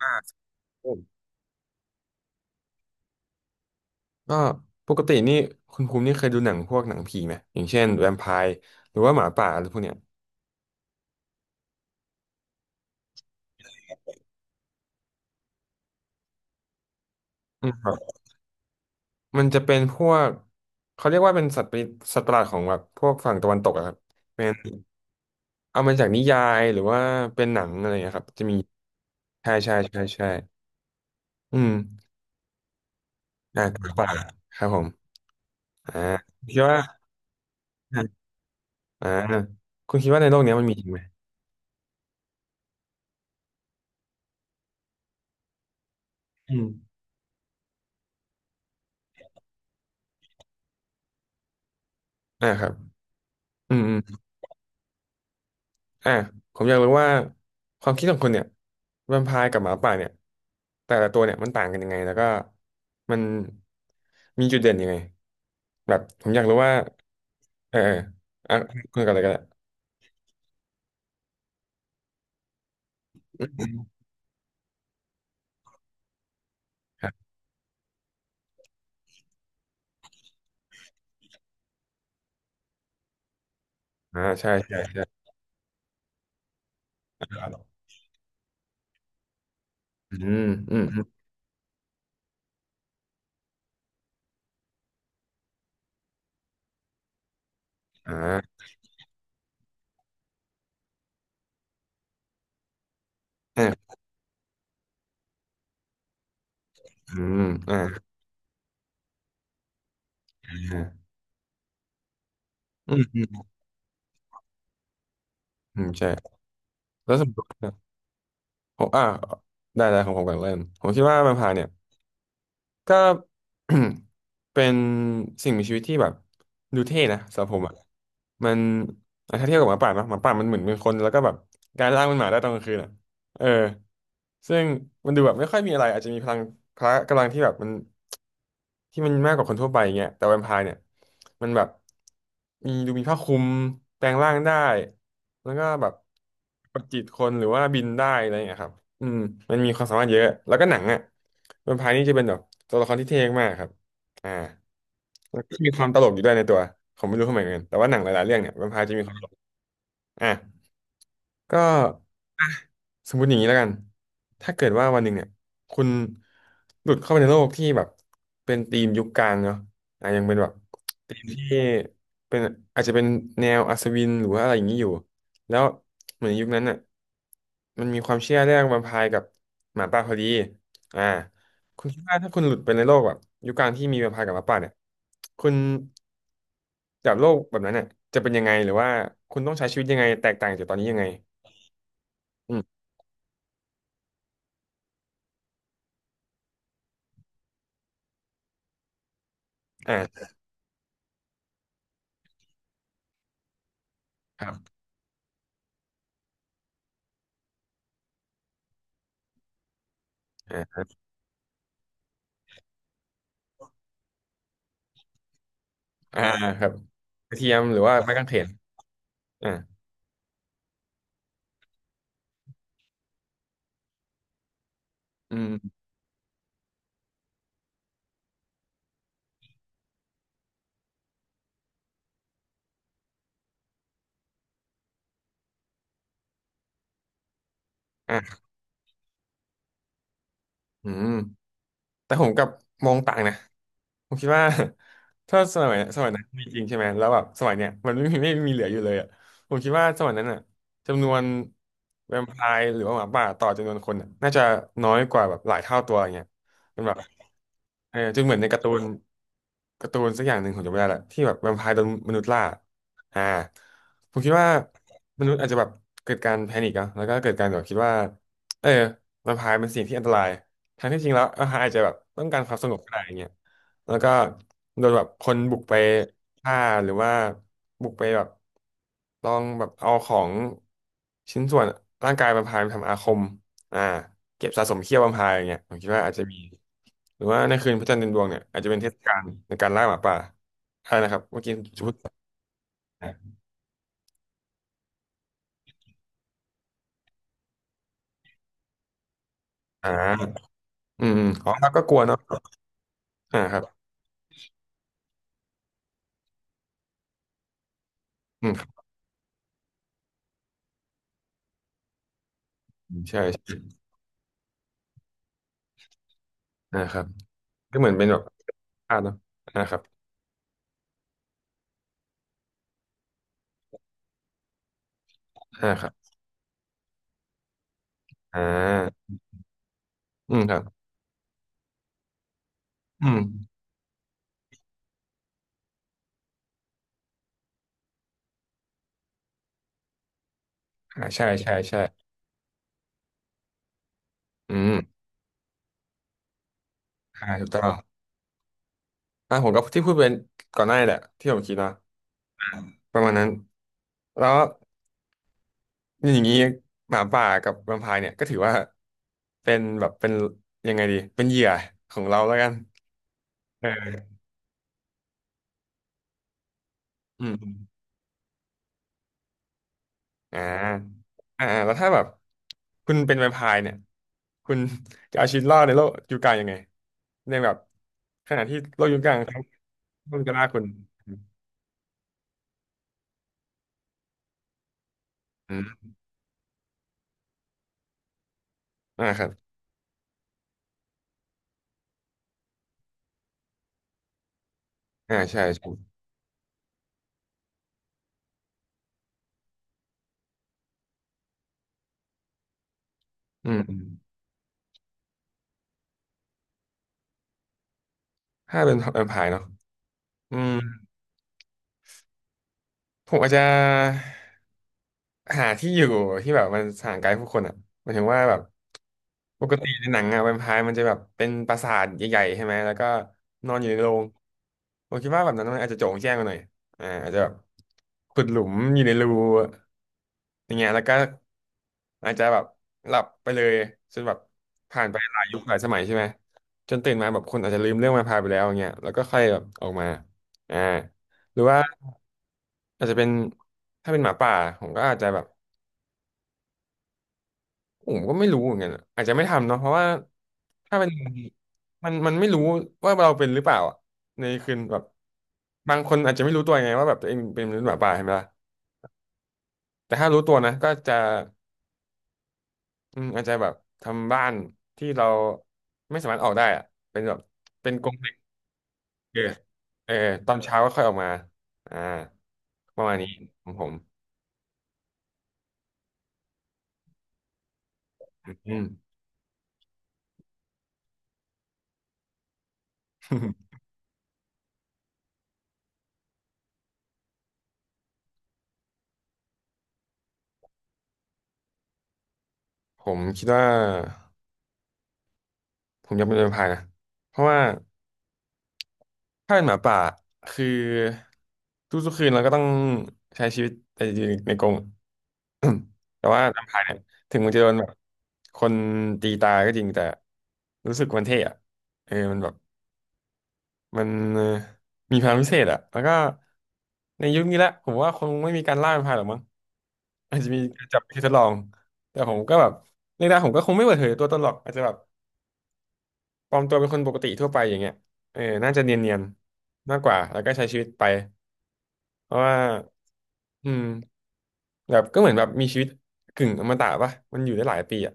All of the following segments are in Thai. ครับผมก็ปกตินี่คุณภูมินี่เคยดูหนังพวกหนังผีไหมอย่างเช่นแวมไพร์หรือว่าหมาป่าอะไรพวกเนี้ยอืมครับมันจะเป็นพวกเขาเรียกว่าเป็นสัตว์ประหลาดของแบบพวกฝั่งตะวันตกอะครับเป็นเอามาจากนิยายหรือว่าเป็นหนังอะไรนะครับจะมีใช่อืมหมาป่าครับผมอ่าคิดว่าอ่าคุณคิดว่าในโลกเนี้ยมันมีจริงไหมอืมครับอืม อ่ะผมอยากรู้ว่าความคิดของคนเนี่ยแวมไพร์กับหมาป่าเนี่ยแต่ละตัวเนี่ยมันต่างกันยังไงแล้วก็มันมีจุดเด่นยังไงแบบผมอยากรู้ว่าเอออ่ะคุณกันเลยก็ได้ครับใช่อืมอืมอืมอ่าอ่าอืมอ่าอืมอืมอืมใช่แล้วสมมติผมได้ของผมก่อนเริ่มผมคิดว่าแวมไพร์เนี่ย ก็ เป็นสิ่งมีชีวิตที่แบบดูเท่นะสำหรับผมอ่ะมันอ่ะถ้าเทียบกับหมาป่านะหมาป่ามันเหมือนเป็นคนแล้วก็แบบการล่างเป็นหมาได้ตอนกลางคืนอ่ะเออ ซึ่งมันดูแบบไม่ค่อยมีอะไรอาจจะมีพลังพละกำลังที่แบบที่มันมากกว่าคนทั่วไปอย่างเงี้ยแต่แวมไพร์เนี่ยมันแบบมีดูมีผ้าคลุมแปลงร่างได้แล้วก็แบบประจิตคนหรือว่าบินได้อะไรอย่างเงี้ยครับอืมมันมีความสามารถเยอะแล้วก็หนังอ่ะแวมไพร์นี่จะเป็นแบบตัวละครที่เท่มากครับอ่าแล้วก็มีความตลกอยู่ด้วยในตัวผมไม่รู้ทำไมเหมือนกันแต่ว่าหนังหลายๆเรื่องเนี่ยแวมไพร์จะมีความตลกอ่ะ ก็อ่ะสมมติอย่างนี้แล้วกัน ถ้าเกิดว่าวันหนึ่งเนี่ยคุณหลุดเข้าไปในโลกที่แบบเป็นธีมยุคกลางเนาะอ่ะยังเป็นแบบธีมที่เป็นอาจจะเป็นแนวอัศวินหรือว่าอะไรอย่างนี้อยู่แล้วเหมือนยุคนั้นน่ะมันมีความเชื่อเรื่องแวมไพร์กับหมาป่าพอดีอ่าคุณคิดว่าถ้าคุณหลุดไปในโลกแบบยุคกลางที่มีแวมไพร์กับหมาป่าเนี่ยคุณจากโลกแบบนั้นเนี่ยจะเป็นยังไงหรือว่าคุณต้องใช้ชีวิตยังไงแตกต่างจากตอนนี้ยังไง อืมอ่าครับครับอ่าครับกระเทียมหรือว่าไม้กางเขนอ่าอืมอ่าอืม แต่ผมกลับมองต่างนะผมคิดว่า ถ้าสมัยนั้นมีจริงใช่ไหมแล้วแบบสมัยเนี้ยมันไม่มีเหลืออยู่เลยอ่ะผมคิดว่าสมัยนั้นอ่ะจำนวนแวมไพร์หรือว่าหมาป่าต่อจำนวนคนอะน่าจะน้อยกว่าแบบหลายเท่าตัวอย่างเงี้ยเป็นแบบเออจนเหมือนในการ์ตูนการ์ตูนสักอย่างหนึ่งผมจำไม่ได้ละที่แบบแวมไพร์โดนมนุษย์ล่าอ่าผมคิดว่ามนุษย์อาจจะแบบเกิดการแพนิคอะแล้วก็เกิดการแบบคิดว่าเออแวมไพร์เป็นสิ่งที่อันตราย ทั้งที่จริงแล้วเอออาจจะแบบต้องการความสงบก็ได้อย่างเงี้ยแล้วก็โดนแบบคนบุกไปฆ่าหรือว่าบุกไปแบบลองแบบเอาของชิ้นส่วนร่างกายบัมพายมาทำอาคมอ่าเก็บสะสมเขี้ยวบัมพายอย่างเงี้ยผมคิดว่าอาจจะมี หรือว่าในคืนพระจันทร์เต็มดวงเนี่ยอาจจะเป็นเทศกาลในการล่าหมาป่าใช่นะครับ เมื่อกี้จะพูดอ่าอืมอมอ๋อแล้วก็กลัวเนาะครับอืมครับใช่นะครับก็เหมือนเป็นแบบเนาะครับครับอ่า อืมครับอืมใช่อืมถูกต้องผมก็ที่พูดไปก่อนหน้านี่แหละที่ผมคิดนะอ่าประมาณนั้นแล้วอย่างนี้หมาป่ากับแวมไพร์เนี่ยก็ถือว่าเป็นยังไงดีเป็นเหยื่อของเราแล้วกันเอออืมอืมอ่าแล้วถ้าแบบคุณเป็นแวมไพร์เนี่ยคุณจะเอาชีวิตรอดในโลกยุคกลางยังไงในแบบขณะที่โลกยุคกลางเขามันก็ล่าคุณอืมครับ ใช่ใช่อืมอืมถ้าเป็นแวมไพร์เนาะอืมผมอาจจะหาที่อยู่ที่แบบมันห่างไกลผู้คนอ่ะหมายถึงว่าแบบปกติในหนังอะแวมไพร์มันจะแบบเป็นปราสาทใหญ่ๆใช่ไหมแล้วก็นอนอยู่ในโรงผมคิดว่าแบบนั้นมันอาจจะโจ่งแจ้งไาหน่อยอาจจะแบบขุดหลุมอยู่ในรูอย่างเงี้ยแล้วก็ อาจจะแบบหลับไปเลยจนแบบผ่านไปหลายยุคหลายสมัยใช่ไหมจนตื่นมาแบบคนอาจจะลืมเรื่องมาพาไปแล้วอย่างเงี้ยแล้วก็ค่อยแบบออกมาอ่าหรือว่าอาจจะเป็นถ้าเป็นหมาป่าผมก็อาจจะแบบผมก็ไม่รู้เหมือนกันอะอาจจะไม่ทำเนาะเพราะว่าถ้าเป็นมันไม่รู้ว่าเราเป็นหรือเปล่าอะในคืนแบบบางคนอาจจะไม่รู้ตัวไงว่าแบบตัวเองเป็นมนุษย์หมาป่าใช่ไหมล่ะแต่ถ้ารู้ตัวนะก็จะ อืมอาจจะแบบทำบ้านที่เราไม่สามารถออกได้อะเป็นแบบเป็นกรงเหล็กเออเออตอนเช้าก็ค่อยออกมาอ่าประมาณนี้ของผมอืม ผมคิดว่าผมอยากเป็นแวมไพร์นะเพราะว่าถ้าเป็นหมาป่าคือทุกๆคืนเราก็ต้องใช้ชีวิตในกรง แต่ว่าแวมไพร์เนี่ยถึงมันจะโดนแบบคนตีตายก็จริงแต่รู้สึกมันเท่อะเออมันแบบ มันเอ่อมีพลังพิเศษอะแล้วก็ในยุคนี้แหละผมว่าคงไม่มีการล่าเป็นพรายหรอกมั้งอาจจะมีการจับไปทดลองแต่ผมก็แบบในด้านผมก็คงไม่เปิดเผยตัวตนหรอกอาจจะแบบปลอมตัวเป็นคนปกติทั่วไปอย่างเงี้ยเออน่าจะเนียนๆมากกว่าแล้วก็ใช้ชีวิตไปเพราะว่าอืมแบบก็เหมือนแบบมีชีวิตกึ่งอมตะป่ะมันอยู่ได้หลายปีอ่ะ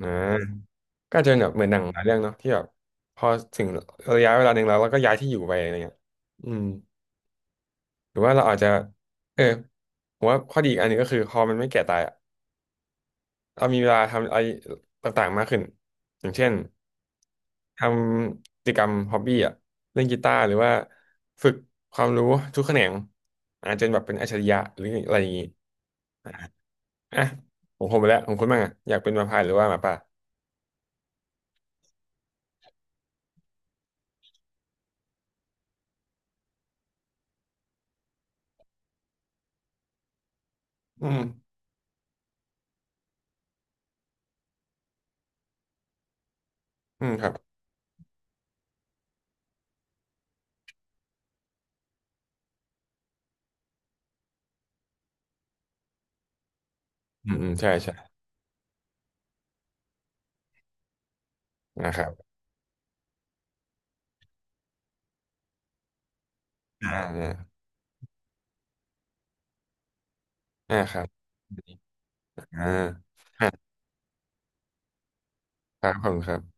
อ่าก็อาจจะเป็นแบบเหมือนหนังหลายเรื่องเนาะที่แบบพอถึงระยะเวลาหนึ่งแล้วเราก็ย้ายที่อยู่ไปอะไรเงี้ยอืมหรือว่าเราอาจจะเออ ผมว่าข้อดีอีกอันหนึงก็คือพอมันไม่แก่ตายอะเรามีเวลาทำอะไรต่างๆมากขึ้น อย่างเช่นทำกิจกรรมฮอบบี้อ่ะเล่นกีตาร์หรือว่าฝึกความรู้ทุกแขนงอาจจะแบบเป็นอัจฉริยะหรืออะไรอย่างงี้อ่ะผมคงไปแล้วผมคุณบ้างอ่ะอยากเป็นมาพายหรือว่าหมาป่าอืมอืมครับอืมอืมใช่ใช่นะครับอ่าอ่าอ่าครับอ่าอ่าครับขอบคุณครับ